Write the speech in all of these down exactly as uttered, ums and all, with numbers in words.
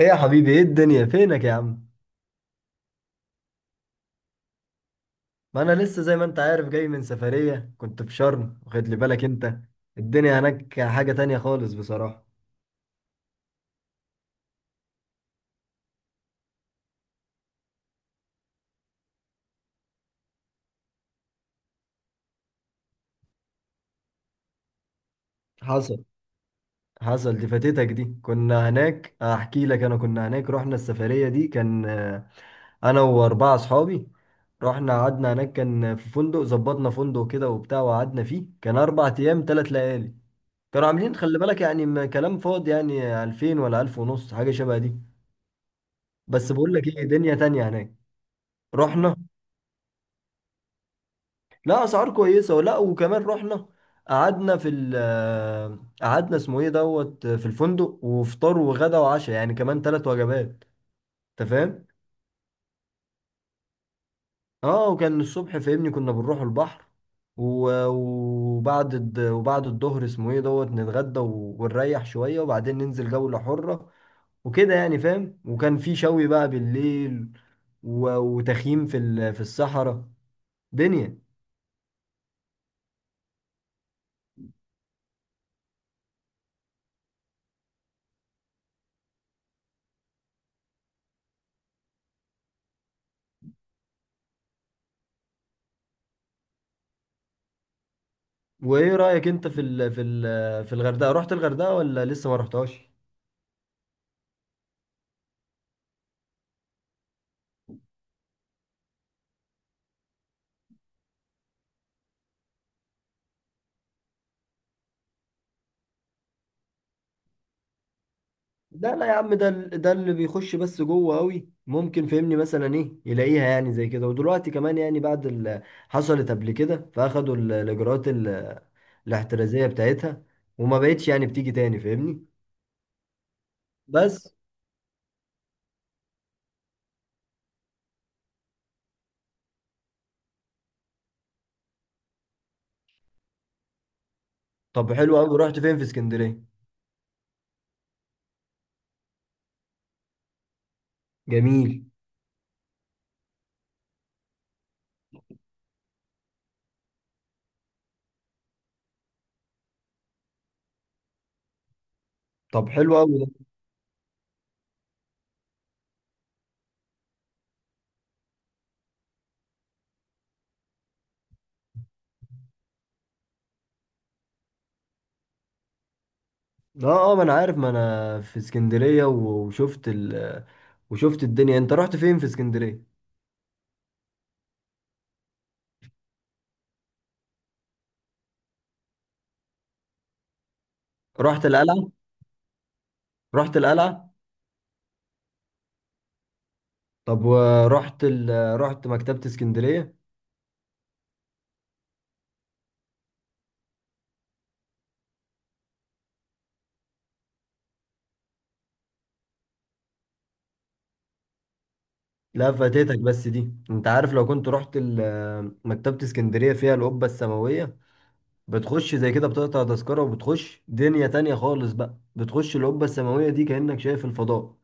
ايه يا حبيبي، ايه الدنيا؟ فينك يا عم؟ ما انا لسه زي ما انت عارف جاي من سفرية، كنت في شرم، واخد لي بالك انت الدنيا هناك حاجة تانية خالص بصراحة. حصل حصل، دي فاتتك. دي كنا هناك، احكي لك. انا كنا هناك، رحنا السفرية دي، كان آه، انا واربعة اصحابي. رحنا قعدنا هناك، كان في فندق، ظبطنا فندق كده وبتاع، وقعدنا فيه، كان اربع ايام ثلاث ليالي. كانوا عاملين خلي بالك يعني م- كلام فاضي يعني ألفين ولا ألف ونص، حاجة شبه دي. بس بقول لك ايه، دنيا تانية هناك. رحنا. لا اسعار كويسه ولا، وكمان رحنا. قعدنا في ال قعدنا اسمه ايه دوت في الفندق، وفطار وغدا وعشاء يعني، كمان ثلاث وجبات. انت فاهم. اه، وكان الصبح فاهمني كنا بنروح البحر، و- وبعد الد- وبعد الظهر اسمه ايه دوت نتغدى و- ونريح شويه، وبعدين ننزل جوله حره وكده يعني فاهم. وكان في شوي بقى بالليل، و- وتخييم في ال- في الصحراء. دنيا. وايه رأيك انت في ال في ال في الغردقة؟ رحت الغردقة ولا لسه ما رحتهاش؟ لا لا يا عم، ده ال- ده اللي بيخش بس جوه قوي، ممكن فهمني مثلا ايه يلاقيها يعني زي كده. ودلوقتي كمان يعني بعد اللي حصلت قبل كده فاخدوا ال- الاجراءات ال- الاحترازية بتاعتها، وما بقتش يعني بتيجي تاني فاهمني. بس. طب حلو قوي، رحت فين في اسكندرية؟ جميل. طب حلو قوي. ده اه، اه، ما انا عارف ما انا في اسكندرية، و- وشفت ال وشفت الدنيا. انت رحت فين في اسكندرية؟ رحت القلعة؟ رحت القلعة؟ طب ورحت ال... رحت مكتبة اسكندرية؟ لا فاتتك بس دي. انت عارف لو كنت رحت ال... مكتبة اسكندرية فيها القبة السماوية، بتخش زي كده بتقطع تذكرة وبتخش دنيا تانية خالص بقى. بتخش القبة السماوية دي كأنك شايف الفضاء،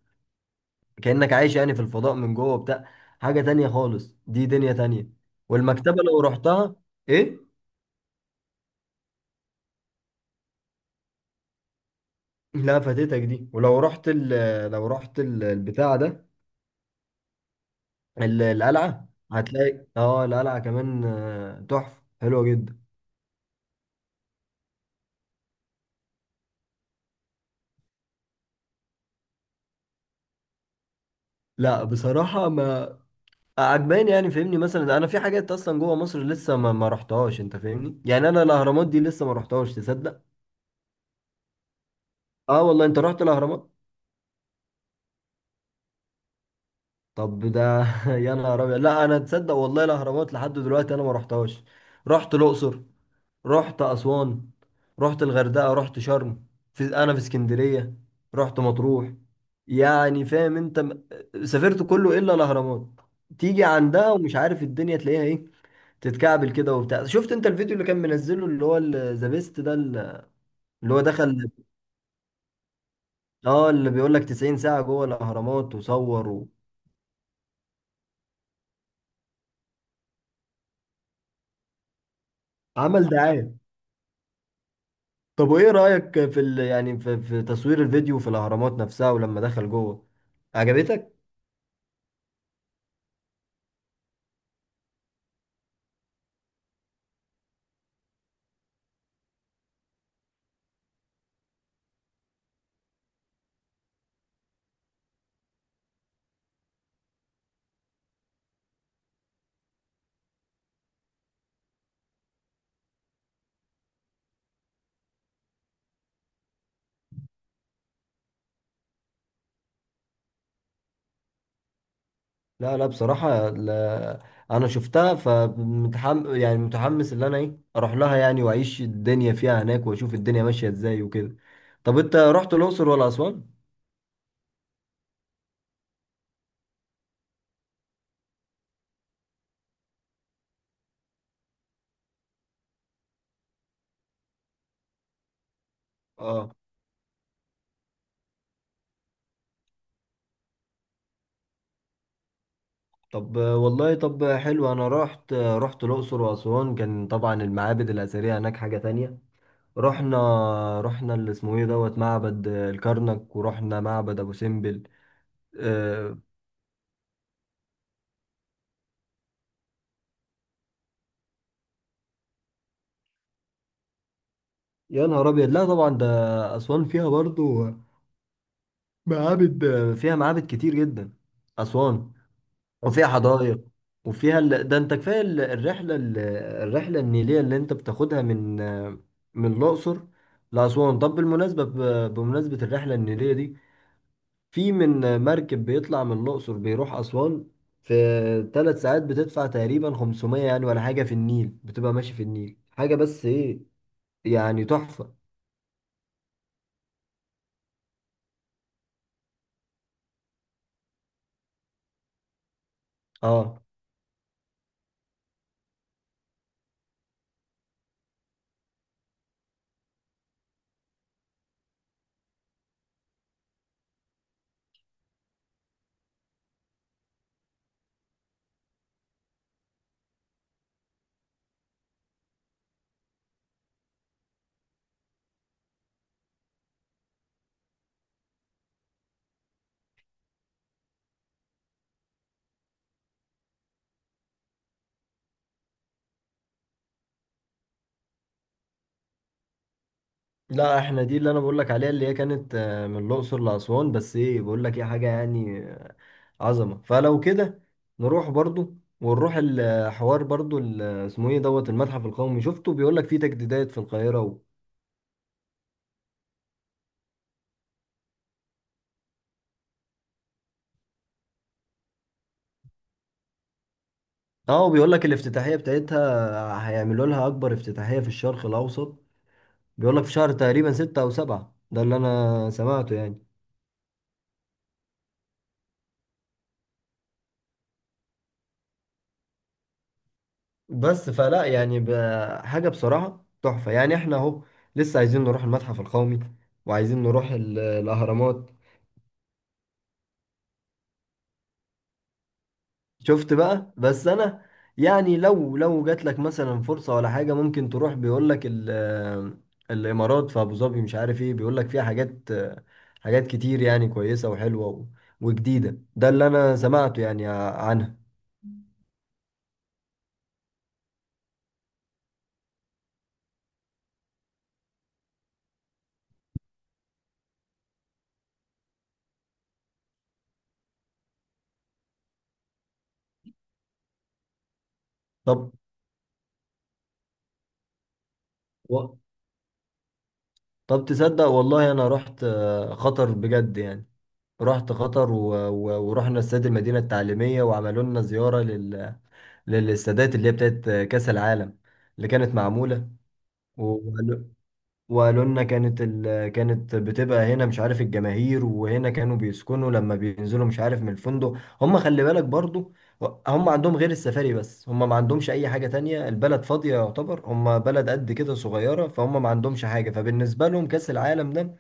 كأنك عايش يعني في الفضاء من جوه بتاع. حاجة تانية خالص، دي دنيا تانية. والمكتبة لو رحتها، ايه. لا فاتتك دي. ولو رحت ال... لو رحت ال... البتاع ده، ال- القلعة، هتلاقي اه القلعة كمان آه، تحفة حلوة جدا. لا بصراحة ما عجباني يعني فاهمني. مثلا انا في حاجات اصلا جوه مصر لسه ما, ما رحتهاش، انت فاهمني؟ يعني انا الاهرامات دي لسه ما رحتهاش، تصدق؟ اه والله، انت رحت الاهرامات؟ طب ده يا نهار ابيض. لا انا تصدق والله الاهرامات لحد دلوقتي انا ما رحتهاش. رحت الاقصر، رحت أسوان، رحت الغردقة، رحت شرم، في، أنا في اسكندرية، رحت مطروح، يعني فاهم أنت م- سافرت كله إلا الأهرامات. تيجي عندها ومش عارف الدنيا تلاقيها إيه، تتكعبل كده وبتاع. شفت أنت الفيديو اللي كان منزله اللي هو ذا بيست ده، اللي هو دخل؟ اه اللي بيقول لك تسعين ساعة جوه الأهرامات، وصور وعمل دعاية. طب وإيه رأيك في ال... يعني في... في تصوير الفيديو في الأهرامات نفسها، ولما دخل جوه، عجبتك؟ لا لا بصراحة، لا أنا شفتها، فمتحم يعني متحمس إن أنا إيه أروح لها يعني، وأعيش الدنيا فيها هناك، وأشوف الدنيا ماشية إزاي وكده. طب أنت رحت الأقصر ولا أسوان؟ آه. طب والله، طب حلو. أنا رحت رحت الأقصر وأسوان، كان طبعا المعابد الأثرية هناك حاجة تانية. رحنا رحنا اللي اسمه إيه دوت معبد الكرنك، ورحنا معبد أبو سمبل. آه. يا نهار أبيض، لا طبعا ده أسوان فيها برضو معابد، فيها معابد كتير جدا أسوان. وفيها حدائق، وفيها ال... ده انت كفاية ال- الرحلة ال- الرحلة النيلية اللي انت بتاخدها من من الأقصر لأسوان. طب بالمناسبة ب... بمناسبة الرحلة النيلية دي في من مركب بيطلع من الأقصر بيروح أسوان في ثلاث ساعات، بتدفع تقريبا خمسمية يعني ولا حاجة، في النيل بتبقى ماشي في النيل، حاجة بس ايه يعني تحفة. اه، لا احنا دي اللي انا بقول لك عليها، اللي هي كانت آه، من الاقصر لاسوان، بس ايه بقول لك ايه حاجه يعني آه، عظمه. فلو كده نروح برضو، ونروح الحوار برضو ال- آه، اسمه ايه دوت المتحف القومي، شفته بيقول لك فيه تجديدات في القاهره و... اه، وبيقول لك الافتتاحيه بتاعتها آه، هيعملوا لها اكبر افتتاحيه في الشرق الاوسط. بيقول لك في شهر تقريبا ستة او سبعة، ده اللي انا سمعته يعني. بس فلا يعني ب- حاجة بصراحة تحفة يعني. احنا اهو لسه عايزين نروح المتحف القومي، وعايزين نروح ال- الأهرامات. شفت بقى؟ بس أنا يعني لو لو جات لك مثلا فرصة ولا حاجة ممكن تروح، بيقول لك ال- الإمارات في أبو ظبي مش عارف ايه، بيقول لك فيها حاجات، حاجات كتير يعني كويسة وحلوة و- وجديدة. ده اللي أنا سمعته يعني عنها. طب و- طب تصدق والله، أنا رحت آه، خطر بجد يعني، رحت قطر و... و... ورحنا استاد المدينة التعليمية، وعملوا لنا زيارة لل... للاستادات اللي هي بتاعت كأس العالم اللي كانت معمولة. وقالوا وقالوا لنا كانت ال... كانت بتبقى هنا مش عارف الجماهير، وهنا كانوا بيسكنوا لما بينزلوا مش عارف من الفندق. هم خلي بالك برضو هم عندهم غير السفاري، بس هم ما عندهمش أي حاجة تانية، البلد فاضية يعتبر، هم بلد قد كده صغيرة، فهم ما عندهمش حاجة. فبالنسبة لهم كأس العالم ده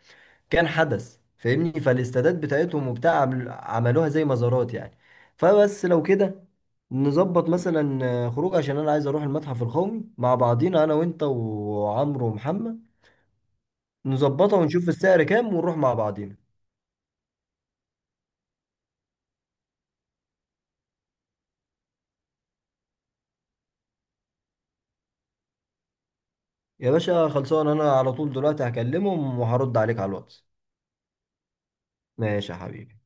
كان حدث فاهمني، فالاستادات بتاعتهم وبتاع عمل- عملوها زي مزارات يعني. فبس لو كده نظبط مثلا آه، خروج، عشان انا عايز اروح المتحف القومي مع بعضينا، انا وانت وعمرو ومحمد، نظبطها ونشوف السعر كام، ونروح مع بعضينا. يا باشا خلصان، انا على طول دلوقتي هكلمهم وهرد عليك على الواتس. ماشي يا حبيبي.